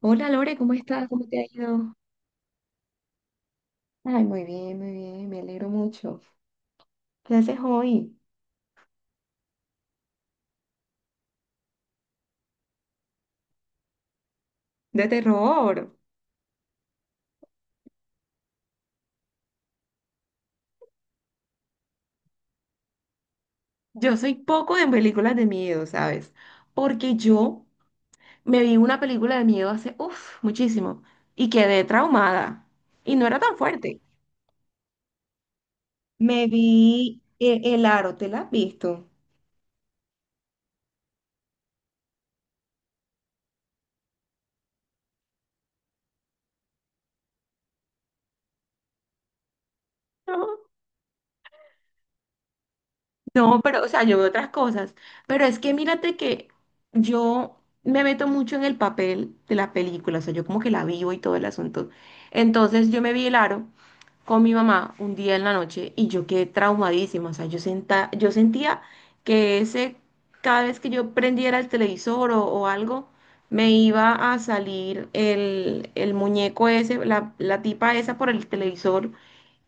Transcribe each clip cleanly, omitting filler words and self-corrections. Hola Lore, ¿cómo estás? ¿Cómo te ha ido? Ay, muy bien, me alegro mucho. ¿Qué haces hoy? De terror. Yo soy poco en películas de miedo, ¿sabes? Porque yo me vi una película de miedo hace, uff, muchísimo y quedé traumada. Y no era tan fuerte. Me vi El Aro, ¿te la has visto? No. No, pero, o sea, yo veo otras cosas. Pero es que mírate que yo me meto mucho en el papel de la película, o sea, yo como que la vivo y todo el asunto. Entonces yo me vi El Aro con mi mamá un día en la noche y yo quedé traumadísima. O sea, yo sentía que ese, cada vez que yo prendiera el televisor o algo, me iba a salir el muñeco ese, la tipa esa por el televisor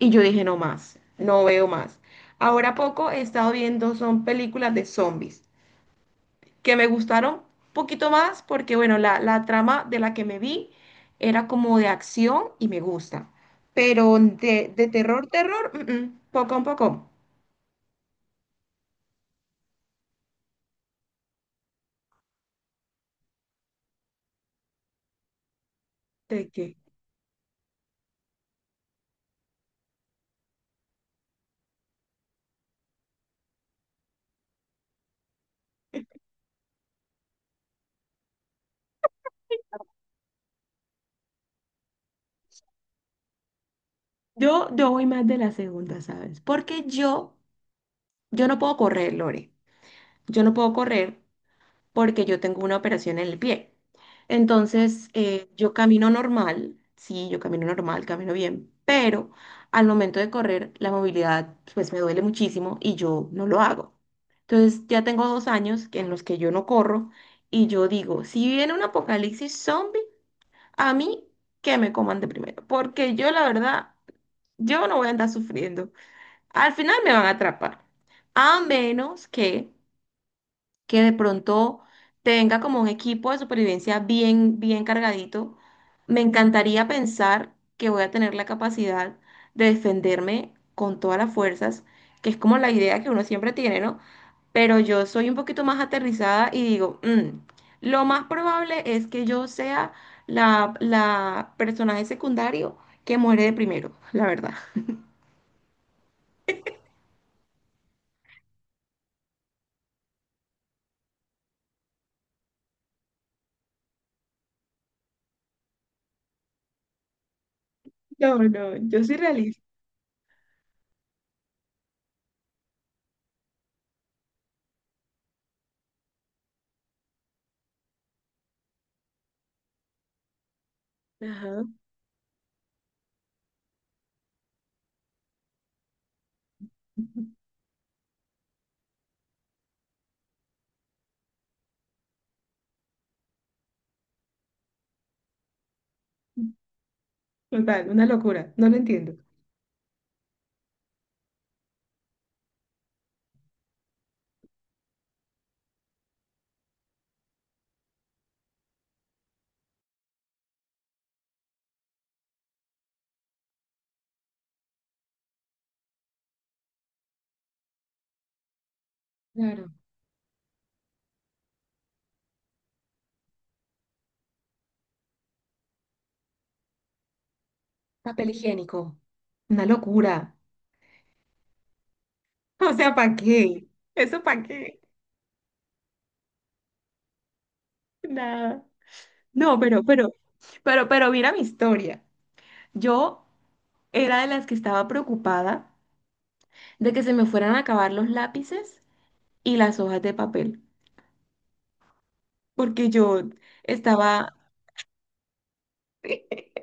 y yo dije, no más, no veo más. Ahora poco he estado viendo son películas de zombies que me gustaron un poquito más porque, bueno, la trama de la que me vi era como de acción y me gusta, pero de terror, terror, poco a poco. ¿De qué? Yo voy más de la segunda, ¿sabes? Porque yo no puedo correr, Lore. Yo no puedo correr porque yo tengo una operación en el pie. Entonces, yo camino normal, sí, yo camino normal, camino bien, pero al momento de correr, la movilidad pues me duele muchísimo y yo no lo hago. Entonces, ya tengo dos años en los que yo no corro y yo digo, si viene un apocalipsis zombie, a mí que me coman de primero, porque yo la verdad, yo no voy a andar sufriendo. Al final me van a atrapar, a menos que de pronto tenga como un equipo de supervivencia bien, bien cargadito. Me encantaría pensar que voy a tener la capacidad de defenderme con todas las fuerzas, que es como la idea que uno siempre tiene, ¿no? Pero yo soy un poquito más aterrizada y digo, "Mm, lo más probable es que yo sea la personaje secundario que muere de primero", la verdad. No, no, yo soy realista. Ajá, total, una locura. No lo entiendo. Claro. Papel higiénico. Una locura. O sea, ¿para qué? ¿Eso para qué? Nada. No, pero mira mi historia. Yo era de las que estaba preocupada de que se me fueran a acabar los lápices y las hojas de papel, porque yo estaba...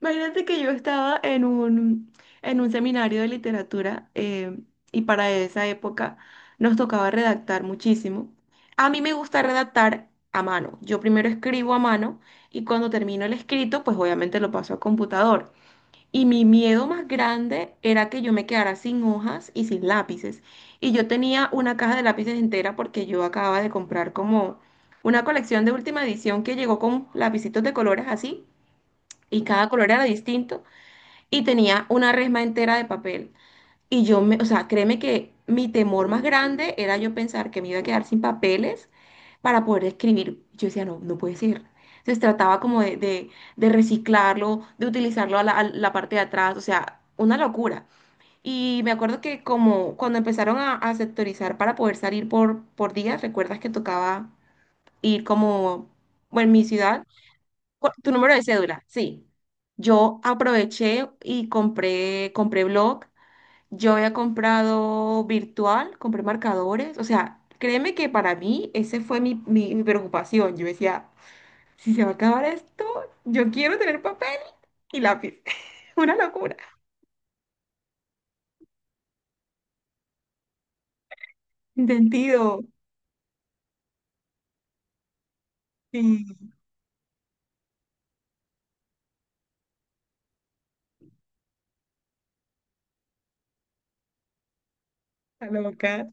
Imagínate que yo estaba en un seminario de literatura y para esa época nos tocaba redactar muchísimo. A mí me gusta redactar a mano. Yo primero escribo a mano y cuando termino el escrito, pues obviamente lo paso a computador. Y mi miedo más grande era que yo me quedara sin hojas y sin lápices. Y yo tenía una caja de lápices entera porque yo acababa de comprar como una colección de última edición que llegó con lapicitos de colores así y cada color era distinto y tenía una resma entera de papel. Y yo me, o sea, créeme que mi temor más grande era yo pensar que me iba a quedar sin papeles para poder escribir. Yo decía, no, no puede ser. Entonces trataba como de reciclarlo, de utilizarlo a a la parte de atrás, o sea, una locura. Y me acuerdo que como cuando empezaron a sectorizar para poder salir por días, recuerdas que tocaba ir como, bueno, en mi ciudad tu número de cédula, sí. Yo aproveché y compré, compré blog, yo había comprado virtual, compré marcadores, o sea, créeme que para mí ese fue mi preocupación. Yo decía, si se va a acabar esto, yo quiero tener papel y lápiz. Una locura. Sentido. Sí, la loca.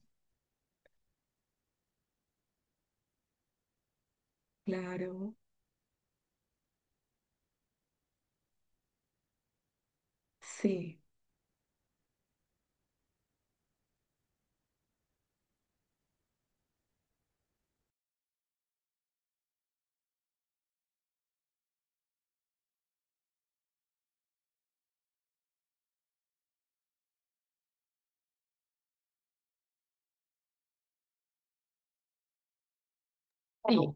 Claro, sí. Sí.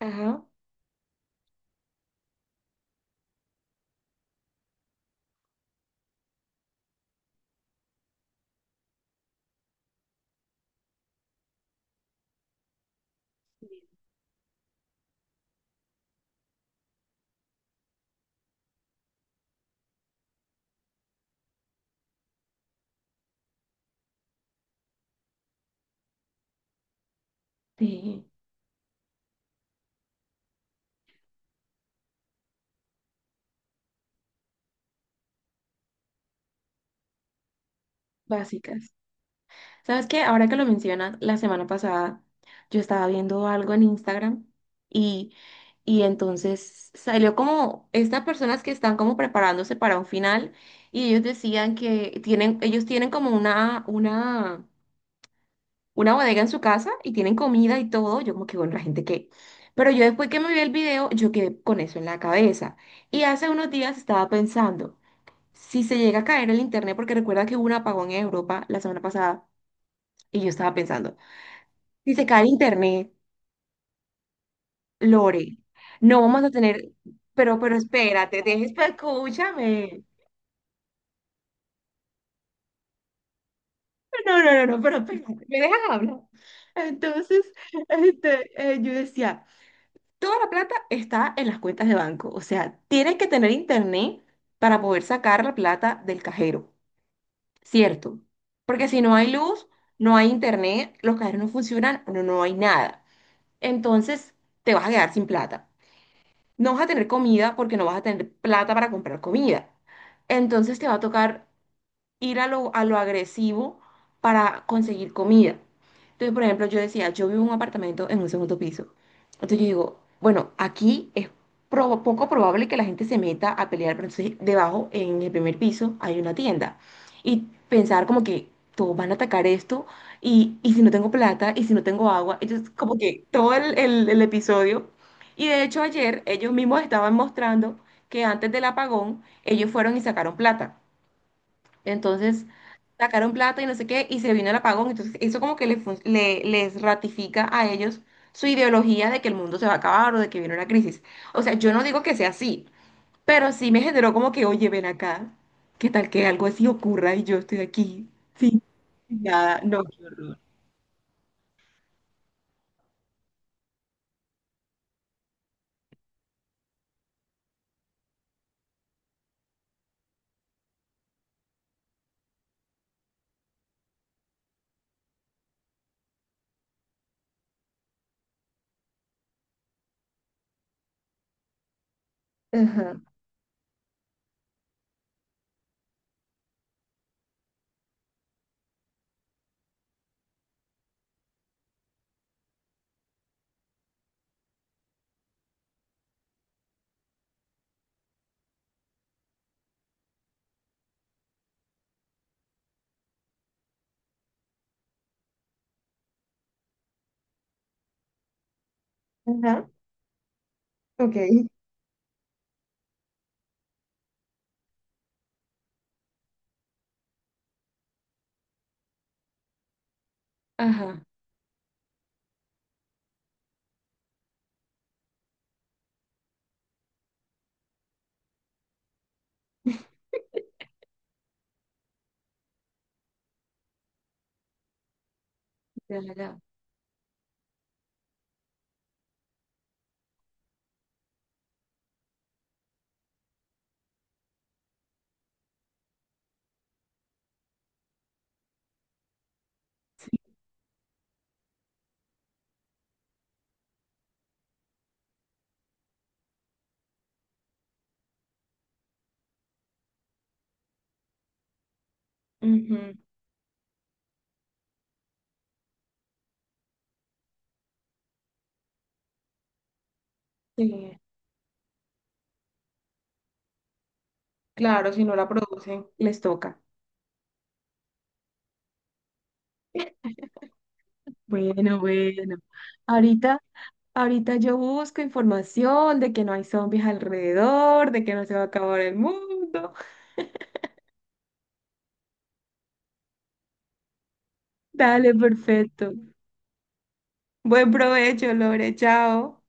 Ajá, sí, básicas. ¿Sabes qué? Ahora que lo mencionas, la semana pasada yo estaba viendo algo en Instagram y, y entonces salió como estas personas que están como preparándose para un final y ellos decían que tienen, ellos tienen como una bodega en su casa y tienen comida y todo. Yo como que, bueno, la gente que... Pero yo después que me vi el video, yo quedé con eso en la cabeza. Y hace unos días estaba pensando, si se llega a caer el internet, porque recuerda que hubo un apagón en Europa la semana pasada, y yo estaba pensando. Si se cae el internet, Lore, no vamos a tener, pero espérate, dejes, pero escúchame. No, no, no, no, pero espérate, me dejas hablar. Entonces, este, yo decía, toda la plata está en las cuentas de banco, o sea, tienes que tener internet para poder sacar la plata del cajero, ¿cierto? Porque si no hay luz, no hay internet, los cajeros no funcionan, no, no hay nada. Entonces, te vas a quedar sin plata. No vas a tener comida porque no vas a tener plata para comprar comida. Entonces te va a tocar ir a a lo agresivo para conseguir comida. Entonces, por ejemplo, yo decía, yo vivo en un apartamento en un segundo piso. Entonces yo digo, bueno, aquí es poco probable que la gente se meta a pelear, pero entonces debajo, en el primer piso, hay una tienda. Y pensar como que todos van a atacar esto, y si no tengo plata, y si no tengo agua, entonces como que todo el episodio. Y de hecho ayer ellos mismos estaban mostrando que antes del apagón ellos fueron y sacaron plata. Entonces sacaron plata y no sé qué, y se vino el apagón. Entonces eso como que les ratifica a ellos su ideología de que el mundo se va a acabar o de que viene una crisis. O sea, yo no digo que sea así, pero sí me generó como que, oye, ven acá, ¿qué tal que algo así ocurra y yo estoy aquí sin nada? No, qué horror. Ajá, ajá, ok. Ajá, ya, ya. Sí. Ujú, sí. Claro, si no la producen, les toca. Bueno, bueno. Ahorita Ahorita yo busco información de que no hay zombies alrededor, de que no se va a acabar el mundo. Dale, perfecto. Buen provecho, Lore. Chao.